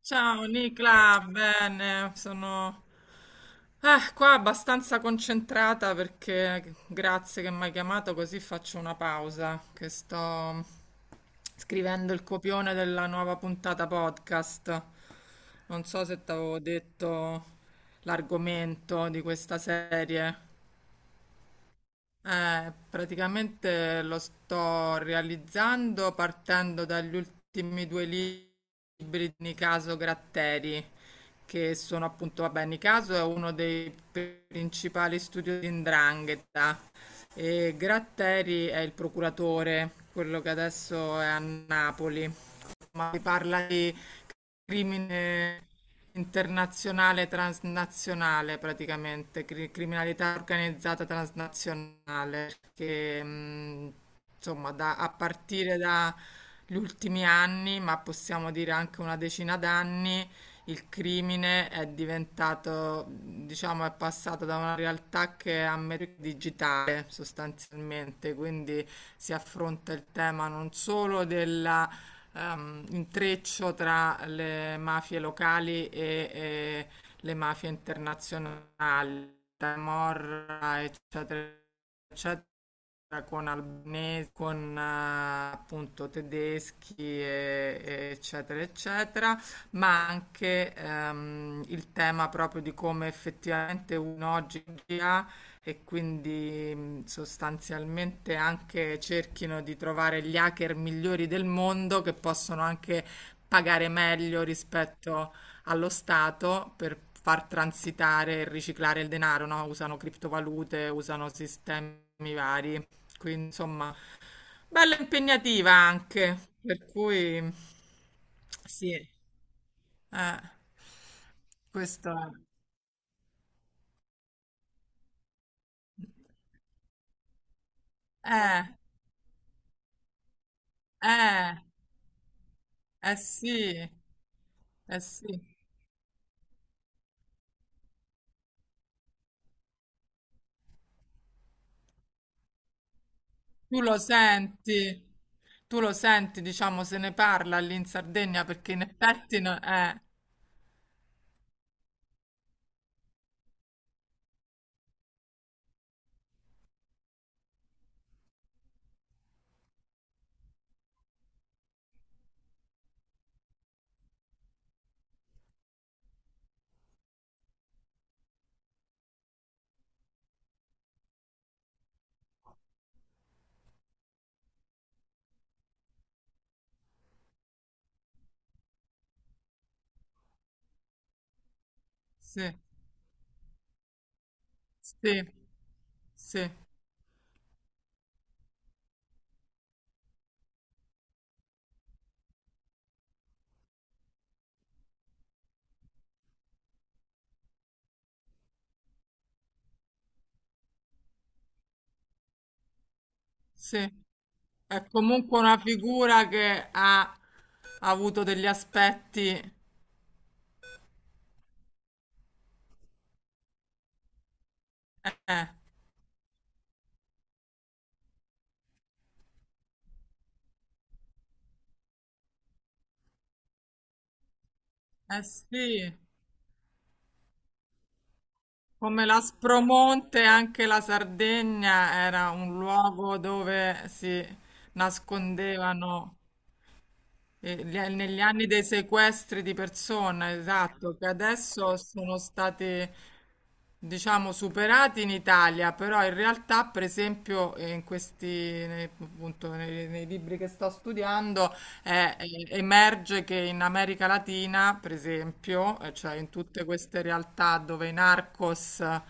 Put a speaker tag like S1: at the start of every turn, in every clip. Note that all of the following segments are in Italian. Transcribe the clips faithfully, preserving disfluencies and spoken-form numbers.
S1: Ciao Nicla, bene, sono eh, qua abbastanza concentrata perché grazie che mi hai chiamato così faccio una pausa, che sto scrivendo il copione della nuova puntata podcast. Non so se ti avevo detto l'argomento di questa serie. Eh, praticamente lo sto realizzando partendo dagli ultimi due libri di Nicaso Gratteri, che sono appunto, vabbè, Nicaso è uno dei principali studi di 'Ndrangheta e Gratteri è il procuratore, quello che adesso è a Napoli. Insomma, si parla di crimine internazionale, transnazionale praticamente, cri- criminalità organizzata transnazionale, che mh, insomma da- a partire dagli ultimi anni, ma possiamo dire anche una decina d'anni, il crimine è diventato, diciamo, è passato da una realtà che è a metà digitale sostanzialmente, quindi si affronta il tema non solo della ehm, intreccio tra le mafie locali e, e le mafie internazionali, Camorra, eccetera, eccetera, con albanesi, con eh, appunto tedeschi, e- e eccetera, eccetera, ma anche ehm, il tema proprio di come effettivamente uno oggi ha, e quindi mh, sostanzialmente anche cerchino di trovare gli hacker migliori del mondo che possono anche pagare meglio rispetto allo Stato per far transitare e riciclare il denaro, no? Usano criptovalute, usano sistemi vari. Quindi, insomma, bella impegnativa anche, per cui sì, eh, questo è. Eh, eh, eh sì, eh sì. Tu lo senti, tu lo senti, diciamo, se ne parla lì in Sardegna perché in effetti no- eh, sì, sì, sì, sì. È comunque una figura che ha, ha avuto degli aspetti, eh. Eh sì, come l'Aspromonte, anche la Sardegna era un luogo dove si nascondevano, eh, gli- negli anni dei sequestri di persone, esatto, che adesso sono stati, diciamo, superati in Italia, però in realtà, per esempio, eh, in questi, nei- appunto, nei nei libri che sto studiando. Eh, eh, emerge che in America Latina, per esempio, eh, cioè in tutte queste realtà dove i narcos eh,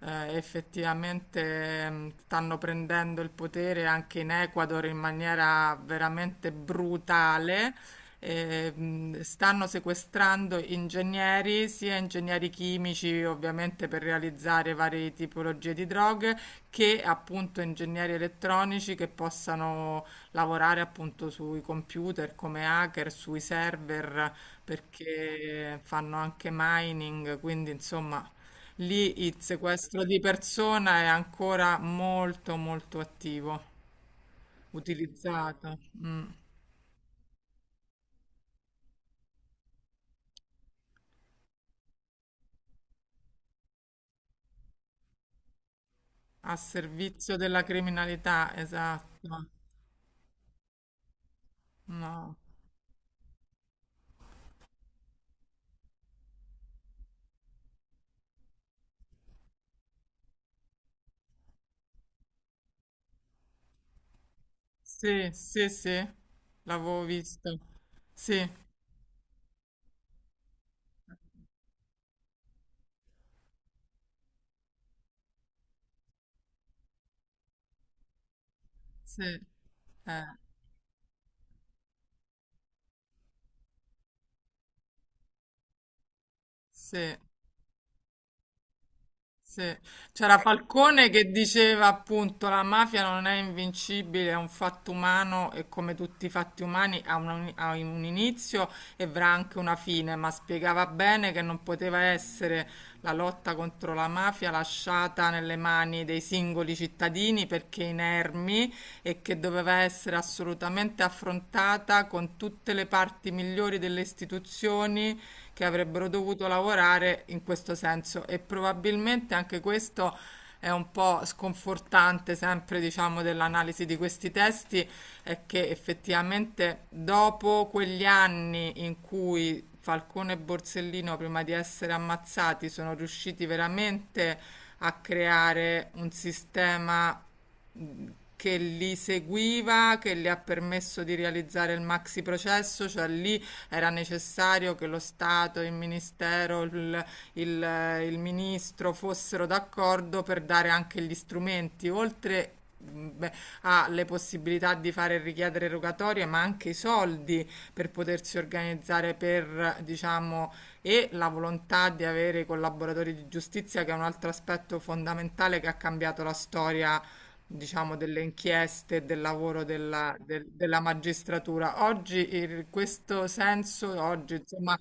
S1: effettivamente mh, stanno prendendo il potere anche in Ecuador in maniera veramente brutale. Eh, mh, stanno sequestrando ingegneri, sia ingegneri chimici ovviamente per realizzare varie tipologie di droghe, che appunto ingegneri elettronici che possano lavorare appunto sui computer come hacker, sui server, perché fanno anche mining, quindi insomma lì il sequestro di persona è ancora molto molto attivo, utilizzato, mm, a servizio della criminalità, esatto. No. Sì, sì, sì, l'avevo visto. Sì, sì, eh, sì. Sì. C'era Falcone che diceva appunto la mafia non è invincibile, è un fatto umano e come tutti i fatti umani ha un, ha un inizio e avrà anche una fine, ma spiegava bene che non poteva essere la lotta contro la mafia lasciata nelle mani dei singoli cittadini cittadini perché inermi e che doveva essere assolutamente affrontata con tutte le parti migliori delle istituzioni che avrebbero dovuto lavorare in questo senso, e probabilmente anche questo è un po' sconfortante sempre, diciamo, dell'analisi di questi testi, è che effettivamente dopo quegli anni in cui Falcone e Borsellino, prima di essere ammazzati, sono riusciti veramente a creare un sistema, mh, che li seguiva, che le ha permesso di realizzare il maxi processo. Cioè lì era necessario che lo Stato, il Ministero, il, il, eh, il Ministro fossero d'accordo per dare anche gli strumenti, oltre beh, ha le possibilità di fare richiedere rogatorie, ma anche i soldi per potersi organizzare per, diciamo, e la volontà di avere i collaboratori di giustizia, che è un altro aspetto fondamentale che ha cambiato la storia, diciamo, delle inchieste, e del lavoro della, del- della magistratura. Oggi in questo senso, oggi, insomma,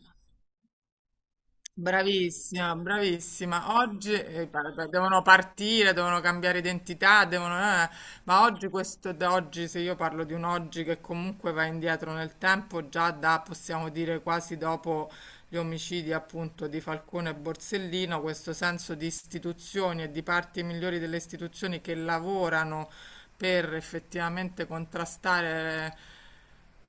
S1: bravissima, bravissima. Oggi eh, guarda, devono partire, devono cambiare identità, devono, eh, ma oggi questo, da oggi, se io parlo di un oggi che comunque va indietro nel tempo, già da, possiamo dire quasi dopo gli omicidi appunto di Falcone e Borsellino, questo senso di istituzioni e di parti migliori delle istituzioni che lavorano per effettivamente contrastare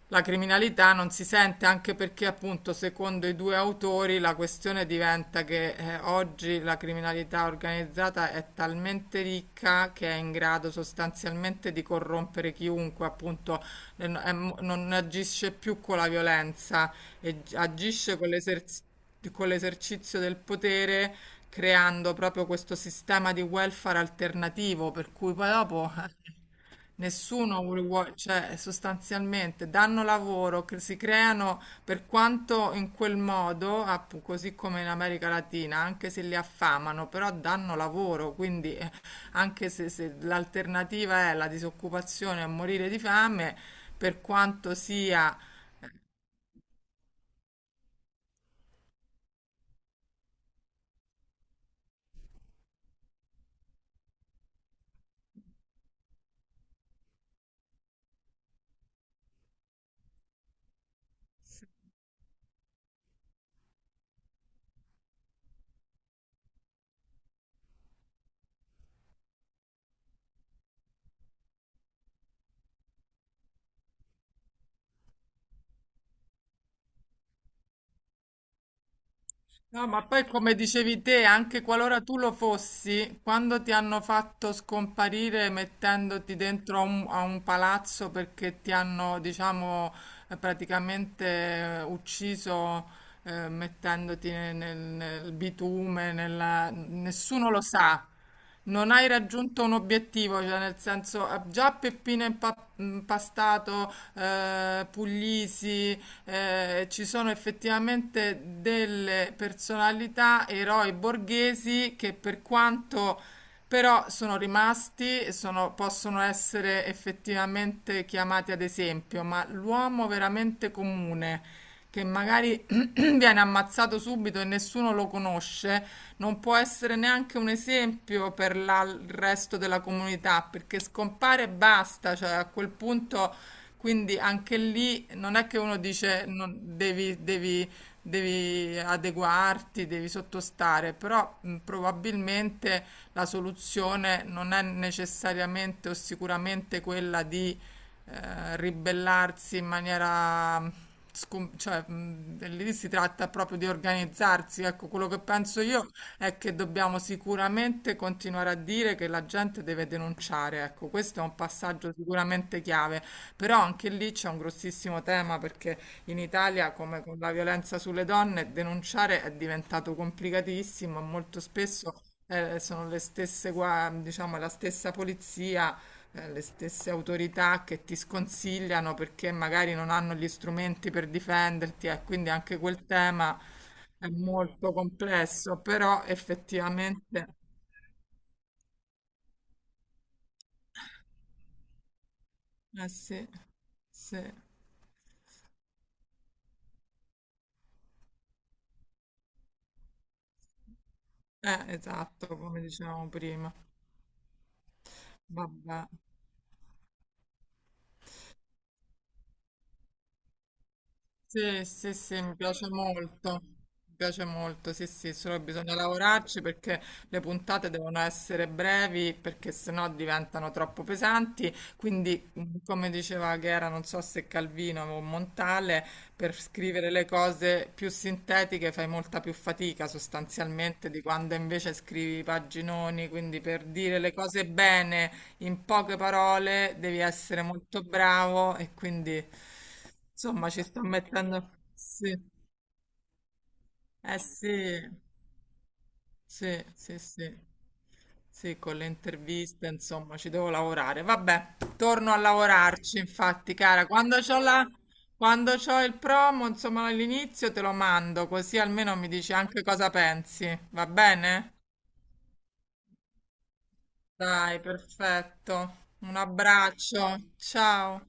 S1: la criminalità non si sente, anche perché, appunto, secondo i due autori, la questione diventa che eh, oggi la criminalità organizzata è talmente ricca che è in grado sostanzialmente di corrompere chiunque, appunto, eh, no- è mo- non agisce più con la violenza, e gi- agisce con l'eserci- con l'esercizio del potere, creando proprio questo sistema di welfare alternativo, per cui poi dopo... Nessuno vuole, vuo- cioè sostanzialmente danno lavoro, cre- si creano, per quanto in quel modo, appu- così come in America Latina, anche se li affamano, però danno lavoro, quindi eh, anche se, se l'alternativa è la disoccupazione a morire di fame, per quanto sia. No, ma poi come dicevi te, anche qualora tu lo fossi, quando ti hanno fatto scomparire mettendoti dentro a un, a un palazzo perché ti hanno, diciamo, eh, praticamente eh, ucciso, eh, mettendoti nel, nel bitume, nella- nessuno lo sa. Non hai raggiunto un obiettivo, cioè nel senso eh, già Peppino Impa- Impastato, eh, Puglisi, eh, ci sono effettivamente delle personalità, eroi borghesi che per quanto però sono rimasti e sono- possono essere effettivamente chiamati ad esempio, ma l'uomo veramente comune, che magari viene ammazzato subito e nessuno lo conosce, non può essere neanche un esempio per la- il resto della comunità, perché scompare e basta, cioè a quel punto, quindi anche lì non è che uno dice non- devi, devi- devi adeguarti, devi sottostare, però mh, probabilmente la soluzione non è necessariamente o sicuramente quella di eh, ribellarsi in maniera scom- cioè, mh, lì si tratta proprio di organizzarsi. Ecco, quello che penso io è che dobbiamo sicuramente continuare a dire che la gente deve denunciare. Ecco, questo è un passaggio sicuramente chiave, però anche lì c'è un grossissimo tema, perché in Italia, come con la violenza sulle donne, denunciare è diventato complicatissimo e molto spesso eh, sono le stesse, gua- diciamo, la stessa polizia eh, le stesse autorità che ti sconsigliano perché magari non hanno gli strumenti per difenderti, e quindi anche quel tema è molto complesso, però effettivamente, eh sì, sì, eh, esatto, come dicevamo prima, vabbè. Sì, sì, sì, mi piace molto, mi piace molto, sì, sì, solo bisogna lavorarci perché le puntate devono essere brevi perché sennò diventano troppo pesanti, quindi mm, come diceva che era, non so se Calvino o Montale, per scrivere le cose più sintetiche fai molta più fatica sostanzialmente di quando invece scrivi paginoni, quindi per dire le cose bene in poche parole, devi essere molto bravo e quindi, insomma, ci sto mettendo... Sì, eh sì, sì, sì, sì. Sì, con le interviste, insomma, ci devo lavorare. Vabbè, torno a lavorarci, infatti, cara. Quando c'ho la... Quando c'ho il promo, insomma, all'inizio te lo mando, così almeno mi dici anche cosa pensi. Va bene? Dai, perfetto. Un abbraccio. Ciao.